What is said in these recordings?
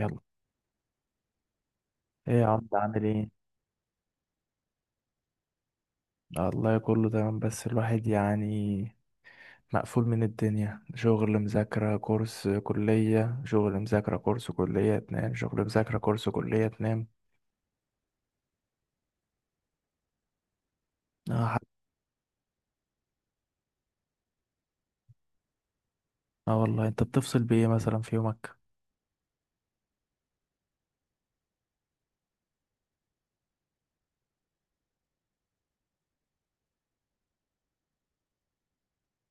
يلا. ايه يا عم، عامل ايه؟ الله، كله تمام، بس الواحد يعني مقفول من الدنيا: شغل، مذاكرة، كورس، كلية، شغل، مذاكرة، كورس، كلية، تنام، شغل، مذاكرة، كورس، كلية، تنام. اه حق. آه والله، انت بتفصل بايه مثلا في يومك؟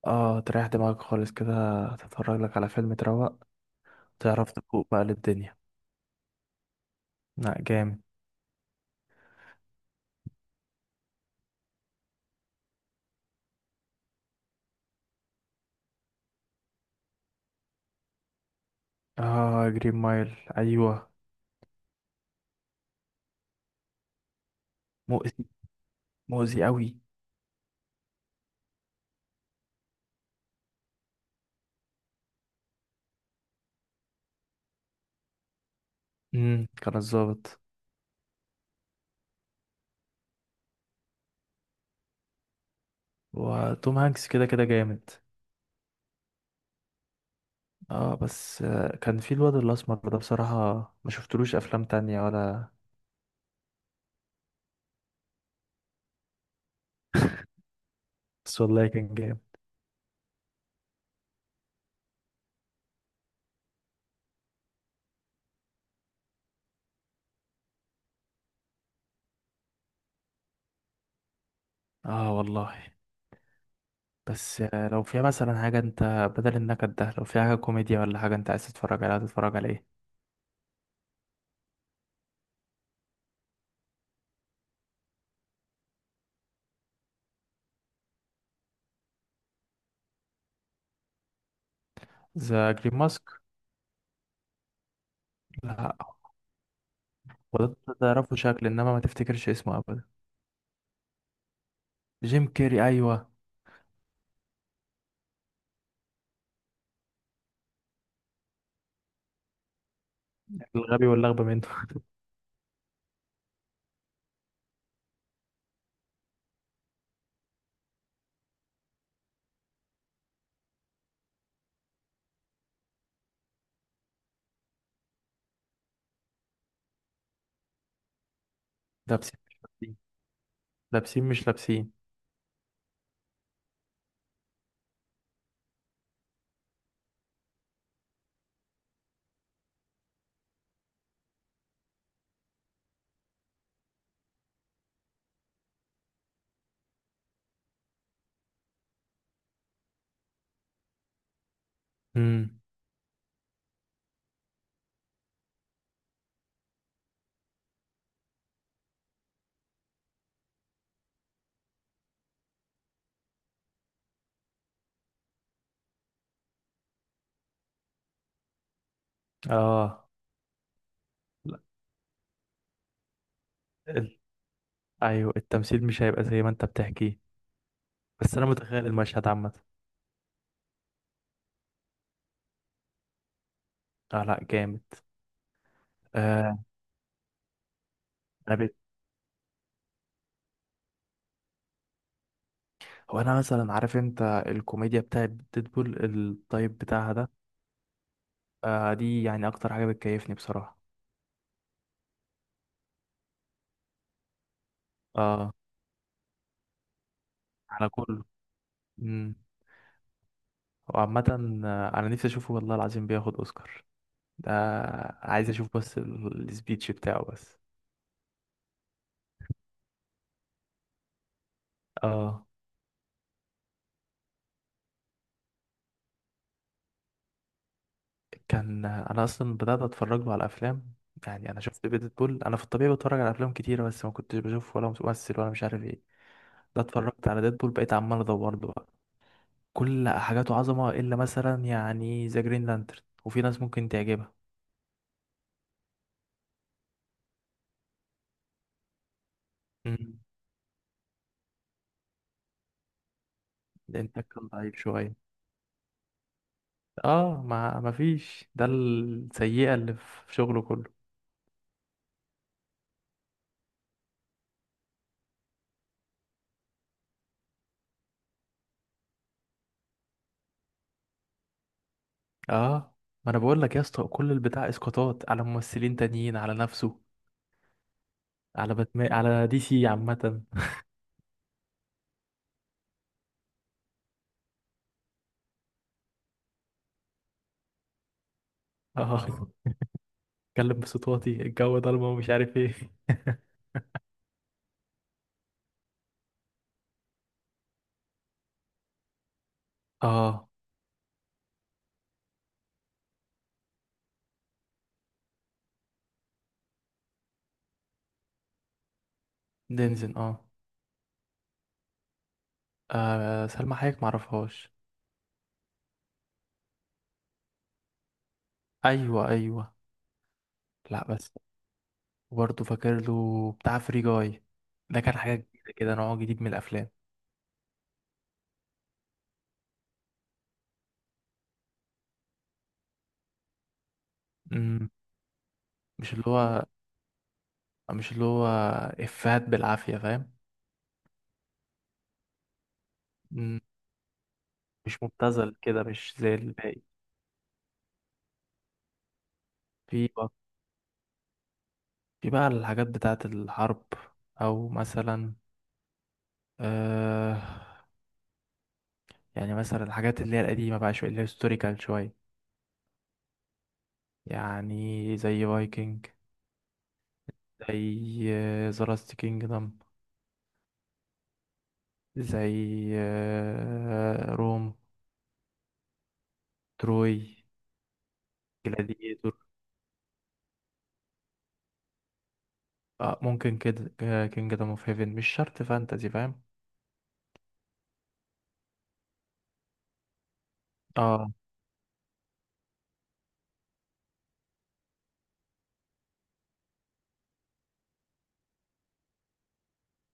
اه، تريح دماغك خالص كده، تتفرج لك على فيلم، تروق، تعرف تفوق بقى للدنيا. لا جامد. اه جرين مايل، ايوه. مؤذي، مؤذي قوي. كان الظابط. وتوم هانكس كده كده جامد. اه بس كان في الواد الاسمر ده بصراحة، ما شفتلوش افلام تانية ولا؟ بس والله كان جامد. اه والله. بس لو فيها مثلا حاجة انت، بدل النكد ده، لو فيها حاجة كوميديا ولا حاجة انت عايز تتفرج عليها، تتفرج على ايه؟ ذا جرين ماسك؟ لا. هو ده تعرفه شكل انما ما تفتكرش اسمه ابدا. جيم كيري، ايوه. الغبي واللغبة منه لابسين مش لابسين. لابسين مش لابسين. امم. اه لا. ال... ايوه، التمثيل مش هيبقى زي ما انت بتحكيه، بس انا متخيل المشهد عامة. اه لا جامد. آه. انا بيت. هو انا مثلا عارف انت الكوميديا بتاعت ديدبول الطيب بتاعها ده. آه دي يعني اكتر حاجه بتكيفني بصراحه. اه، على كله. امم. وعامه، انا نفسي اشوفه، والله العظيم، بياخد اوسكار ده. عايز اشوف بس السبيتش بتاعه بس. اه، كان انا اصلا بدات اتفرج له على افلام. يعني انا شفت ديدبول، انا في الطبيعي بتفرج على افلام كتيره بس ما كنتش بشوف ولا ممثل ولا مش عارف ايه. ده اتفرجت على ديدبول بقيت عمال ادور له. كل حاجاته عظمة إلا مثلا يعني ذا جرين لانترن، وفي ناس ممكن تعجبها. مم. الإنتاج كان ضعيف شوية. اه، ما فيش، ده السيئة اللي في شغله كله. اه، ما انا بقول لك يا اسطى، كل البتاع اسقاطات على ممثلين تانيين، على نفسه، على باتمان، على دي سي عامة. اه اتكلم بصوت واطي، الجو ضلمة ومش عارف ايه. اه. دينزن اه. آه سلمى حايك معرفهاش. ايوه ايوه. لا بس، وبرضه فاكر له بتاع فري جاي. ده كان حاجة جديدة كده، نوع جديد من الأفلام. مم. مش اللي هو مش اللي هو إفيهات بالعافية، فاهم؟ مم. مش مبتذل كده، مش زي الباقي. في بقى في بقى الحاجات بتاعة الحرب، أو مثلا آه، يعني مثلا الحاجات اللي هي القديمة بقى شوية، اللي هي هيستوريكال شوية. يعني زي فايكنج، زي ذا لاست كينجدم، زي روم، تروي، جلاديتور. آه ممكن كده، كينجدم اوف هيفن مش شرط فانتزي، فاهم. اه.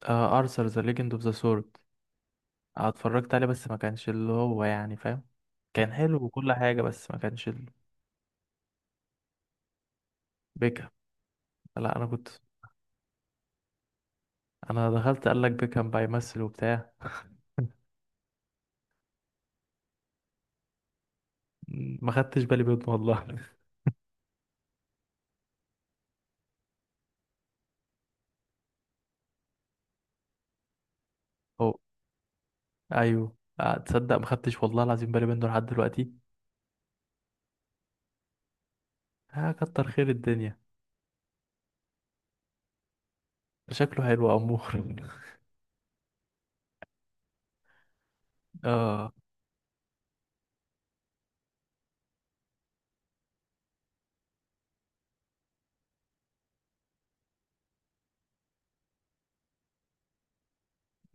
آه ارثر ذا ليجند اوف ذا سورد، اتفرجت عليه بس ما كانش اللي هو يعني، فاهم؟ كان حلو وكل حاجة بس ما كانش بيكهام. لا انا كنت، انا دخلت قال لك بيكهام بقى يمثل وبتاع، ما خدتش بالي منه والله. هو، ايوه تصدق ما خدتش والله العظيم بالي منه لحد دلوقتي. اه كتر خير الدنيا. شكله حلو امور آه.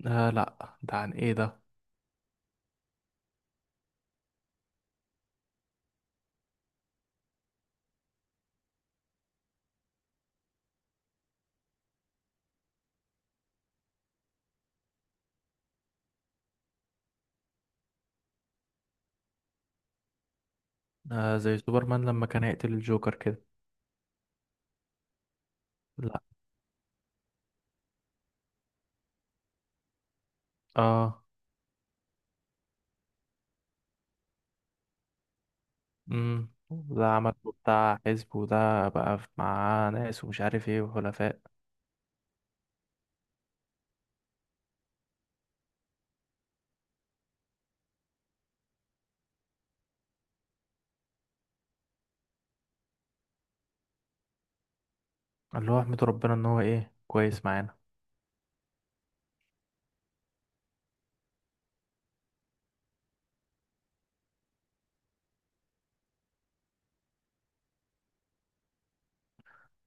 اه لا، ده عن ايه ده؟ آه زي سوبرمان لما كان هيقتل الجوكر كده. اه. امم، ده عمل بتاع حزب وده بقى مع ناس ومش عارف ايه وحلفاء. اللي هو احمد ربنا ان هو ايه، كويس معانا.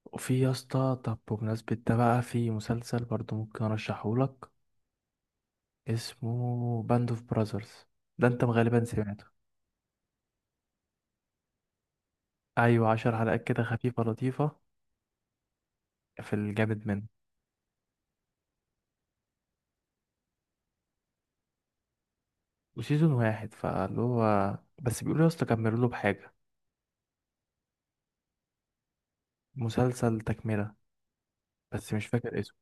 وفي يا اسطى، طب بمناسبة ده بقى، في مسلسل برضو ممكن ارشحهولك. اسمه باند اوف براذرز، ده انت غالبا سمعته. ايوه، 10 حلقات كده خفيفة لطيفة، في الجامد منه. وسيزون واحد، فاللي هو بس بيقولوا يا اسطى كملوا له بحاجة. مسلسل تكملة، بس مش فاكر اسمه.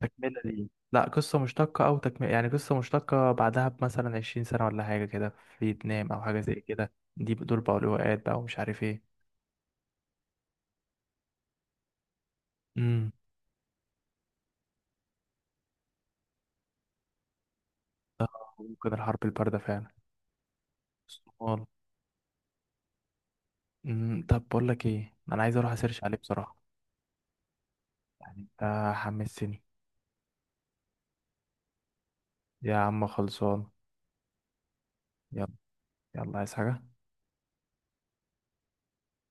تكملة ليه؟ لا، قصة مشتقة أو تكملة، يعني قصة مشتقة بعدها بمثلا 20 سنة ولا حاجة كده، في فيتنام أو حاجة زي كده، دي دول بقوا لواءات بقى ومش عارف ايه. امم. ده ممكن الحرب الباردة فعلا. الصومال. امم. طب بقول لك ايه، أنا عايز أروح أسيرش عليه بصراحة. يعني أنت حمسني. يا عم خلصان. يلا. يلا، عايز حاجة؟